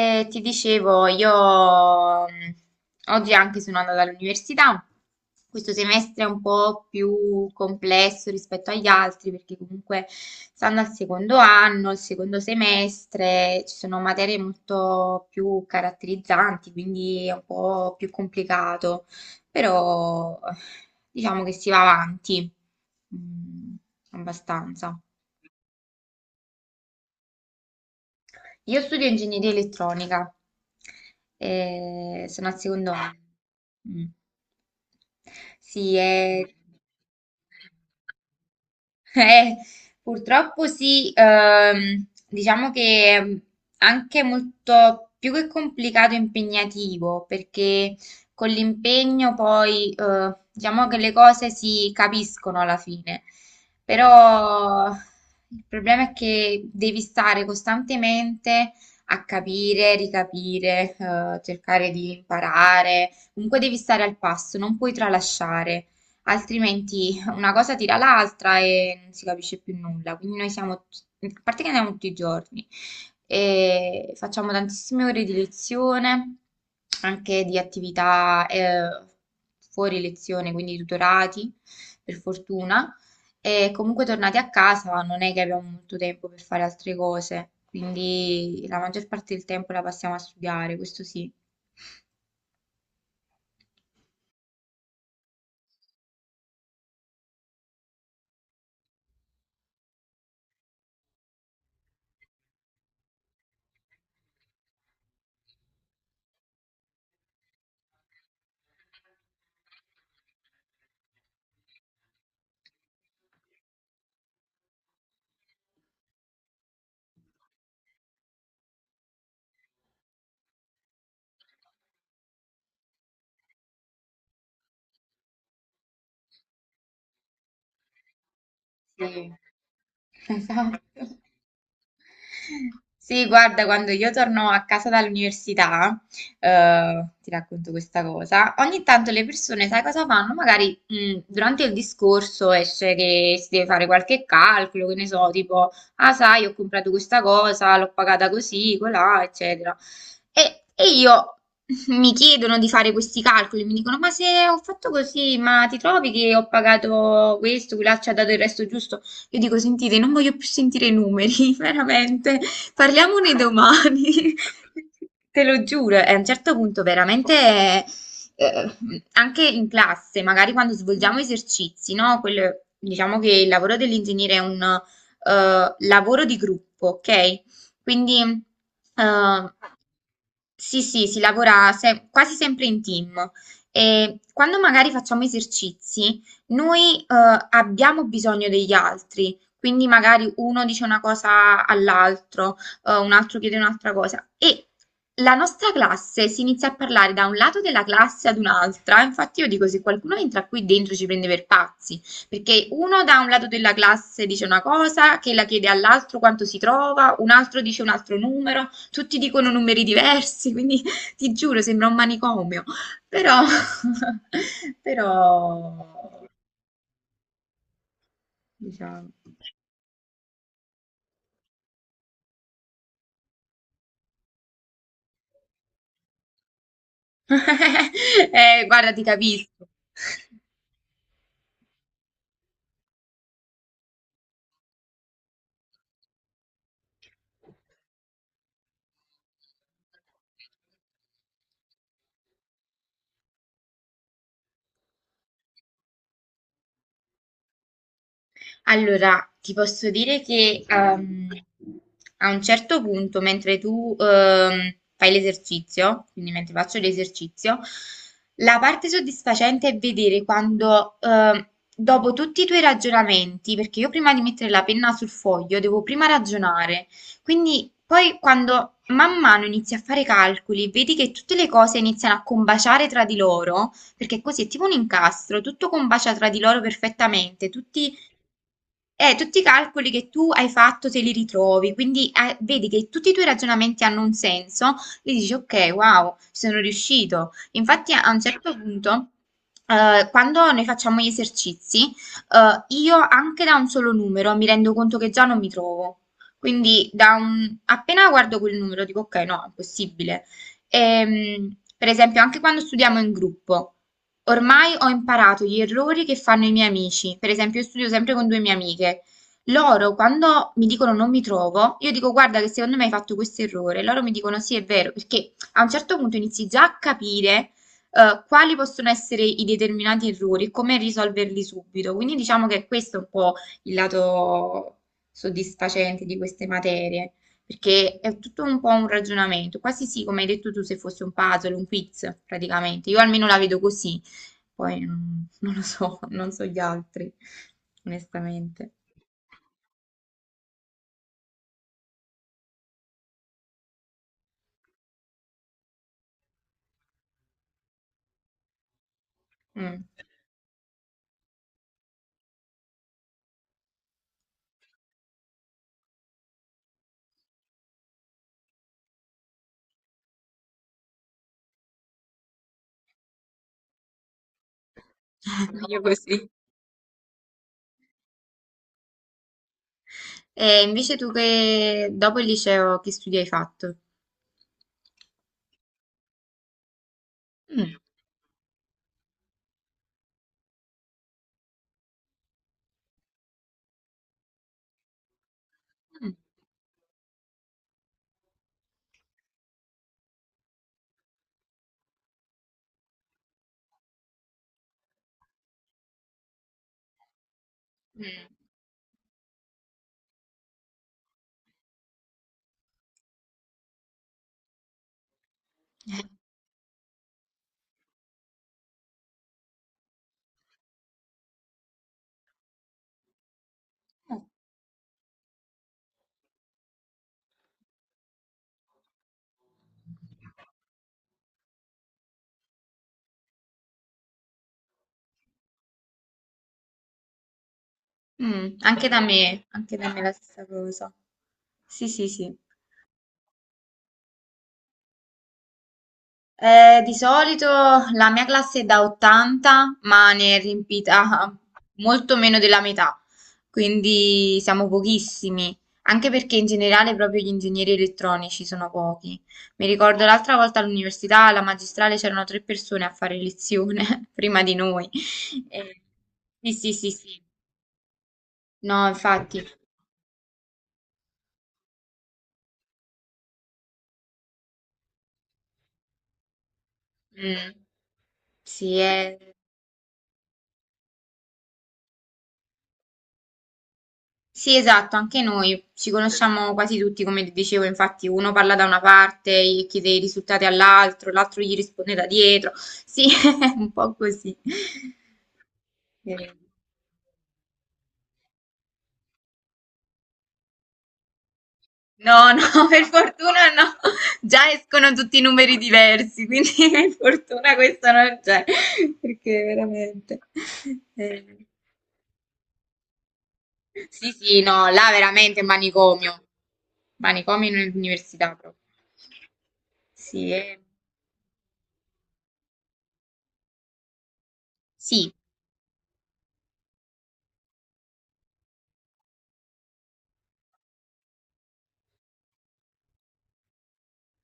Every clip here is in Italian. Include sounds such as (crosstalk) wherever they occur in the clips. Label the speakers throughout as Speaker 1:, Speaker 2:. Speaker 1: E ti dicevo, io mh, oggi anche sono andata all'università. Questo semestre è un po' più complesso rispetto agli altri perché comunque stando al secondo anno, al secondo semestre, ci sono materie molto più caratterizzanti, quindi è un po' più complicato, però diciamo che si va avanti, mm, abbastanza. Io studio ingegneria elettronica, sono al secondo anno. Mm. Sì. Eh, Purtroppo sì, diciamo che è anche molto più che complicato, impegnativo, perché con l'impegno poi diciamo che le cose si capiscono alla fine, però il problema è che devi stare costantemente a capire, ricapire, cercare di imparare, comunque devi stare al passo, non puoi tralasciare. Altrimenti una cosa tira l'altra e non si capisce più nulla. Quindi noi siamo, a parte che andiamo tutti i giorni, e facciamo tantissime ore di lezione, anche di attività fuori lezione, quindi tutorati, per fortuna. E comunque tornati a casa non è che abbiamo molto tempo per fare altre cose, quindi la maggior parte del tempo la passiamo a studiare, questo sì. Sì, (laughs) esatto. Sì, guarda, quando io torno a casa dall'università, ti racconto questa cosa, ogni tanto le persone, sai cosa fanno? Magari durante il discorso esce che si deve fare qualche calcolo, che ne so, tipo, ah sai, ho comprato questa cosa, l'ho pagata così, colà, eccetera. E io mi chiedono di fare questi calcoli, mi dicono: Ma se ho fatto così, ma ti trovi che ho pagato questo, quella ci ha dato il resto giusto? Io dico: Sentite, non voglio più sentire i numeri, (laughs) veramente, parliamone domani. (laughs) Te lo giuro, e a un certo punto veramente eh, anche in classe, magari quando svolgiamo esercizi, no? Diciamo che il lavoro dell'ingegnere è un lavoro di gruppo, ok? Quindi, eh, sì, sì, si lavora quasi sempre in team. E quando magari facciamo esercizi, noi, abbiamo bisogno degli altri. Quindi magari uno dice una cosa all'altro, un altro chiede un'altra cosa. E la nostra classe si inizia a parlare da un lato della classe ad un'altra. Infatti io dico, se qualcuno entra qui dentro ci prende per pazzi. Perché uno da un lato della classe dice una cosa, che la chiede all'altro quanto si trova, un altro dice un altro numero, tutti dicono numeri diversi, quindi (laughs) ti giuro, sembra un manicomio. Però, (laughs) però, diciamo, (laughs) guarda, ti capisco. Allora, ti posso dire che a un certo punto, mentre tu fai l'esercizio, quindi mentre faccio l'esercizio, la parte soddisfacente è vedere quando, dopo tutti i tuoi ragionamenti, perché io prima di mettere la penna sul foglio devo prima ragionare, quindi poi quando man mano inizi a fare calcoli, vedi che tutte le cose iniziano a combaciare tra di loro, perché così è tipo un incastro, tutto combacia tra di loro perfettamente, tutti i calcoli che tu hai fatto te li ritrovi, quindi vedi che tutti i tuoi ragionamenti hanno un senso, e dici ok, wow, ci sono riuscito. Infatti a un certo punto, quando noi facciamo gli esercizi, io anche da un solo numero mi rendo conto che già non mi trovo. Quindi appena guardo quel numero dico ok, no, è impossibile. Per esempio, anche quando studiamo in gruppo. Ormai ho imparato gli errori che fanno i miei amici, per esempio io studio sempre con due mie amiche, loro quando mi dicono non mi trovo, io dico guarda che secondo me hai fatto questo errore, loro mi dicono sì è vero, perché a un certo punto inizi già a capire quali possono essere i determinati errori e come risolverli subito, quindi diciamo che questo è un po' il lato soddisfacente di queste materie, perché è tutto un po' un ragionamento, quasi sì, come hai detto tu, se fosse un puzzle, un quiz praticamente, io almeno la vedo così. Poi (laughs) non lo so, (laughs) non so gli altri, onestamente. Mm. (laughs) Io così. E invece tu che dopo il liceo che studi hai fatto? Mm. Mm. Mm. Eh. Mm. Anche da me la stessa cosa. Sì, sì, sì. Di solito la mia classe è da 80, ma ne è riempita (laughs) molto meno della metà, quindi siamo pochissimi, anche perché in generale proprio gli ingegneri elettronici sono pochi. Mi ricordo l'altra volta all'università, alla magistrale, c'erano tre persone a fare lezione (laughs) prima di noi. Eh, sì, sì, sì, sì. No, infatti. Mm. Sì, è Sì, esatto, anche noi ci conosciamo quasi tutti, come ti dicevo, infatti uno parla da una parte e chiede i risultati all'altro, l'altro gli risponde da dietro. Sì, (laughs) è un po' così. Eh, No, no, (laughs) per fortuna no. Già escono tutti i numeri diversi, quindi (laughs) per fortuna questo non c'è, perché veramente. eh, Sì, sì, no, là veramente è manicomio. Manicomio in università proprio. Sì, sì.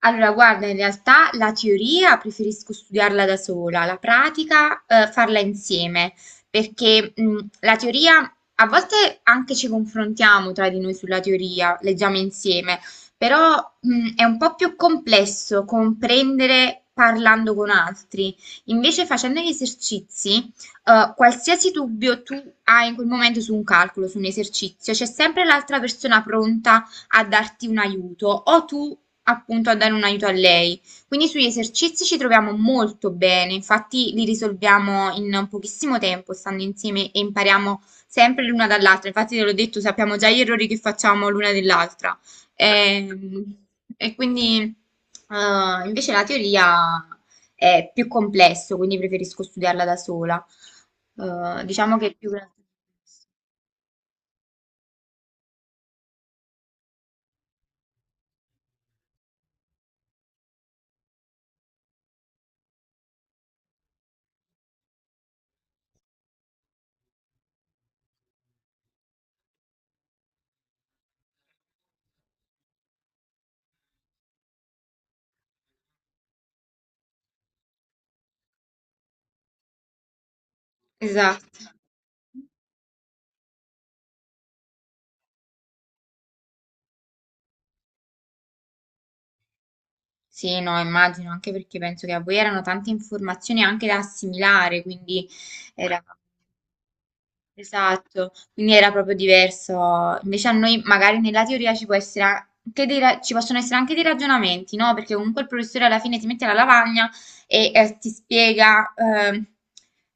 Speaker 1: Allora, guarda, in realtà la teoria preferisco studiarla da sola, la pratica farla insieme, perché la teoria a volte anche ci confrontiamo tra di noi sulla teoria, leggiamo insieme, però è un po' più complesso comprendere parlando con altri. Invece facendo gli esercizi, qualsiasi dubbio tu hai in quel momento su un calcolo, su un esercizio, c'è sempre l'altra persona pronta a darti un aiuto o tu appunto a dare un aiuto a lei. Quindi sugli esercizi ci troviamo molto bene, infatti li risolviamo in pochissimo tempo stando insieme e impariamo sempre l'una dall'altra. Infatti te l'ho detto, sappiamo già gli errori che facciamo l'una dell'altra. Ehm, E, quindi invece la teoria è più complesso, quindi preferisco studiarla da sola. Diciamo che è più. Esatto. Sì, no, immagino, anche perché penso che a voi erano tante informazioni anche da assimilare, quindi era. Esatto, quindi era proprio diverso. Invece a noi magari nella teoria ci può essere ci possono essere anche dei ragionamenti, no? Perché comunque il professore alla fine ti mette la lavagna e ti spiega,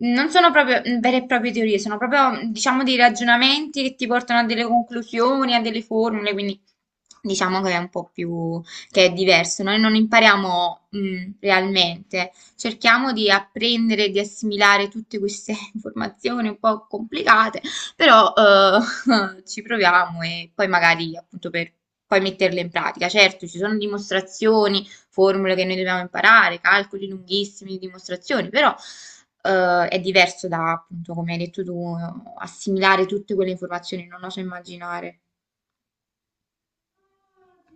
Speaker 1: non sono proprio vere e proprie teorie, sono proprio diciamo dei ragionamenti che ti portano a delle conclusioni, a delle formule, quindi diciamo che è un po' più, che è diverso. Noi non impariamo realmente, cerchiamo di apprendere, di assimilare tutte queste (laughs) informazioni un po' complicate, però (laughs) ci proviamo e poi magari appunto per poi metterle in pratica. Certo, ci sono dimostrazioni, formule che noi dobbiamo imparare, calcoli lunghissimi di dimostrazioni, però è diverso da appunto, come hai detto tu, assimilare tutte quelle informazioni, non lo so immaginare.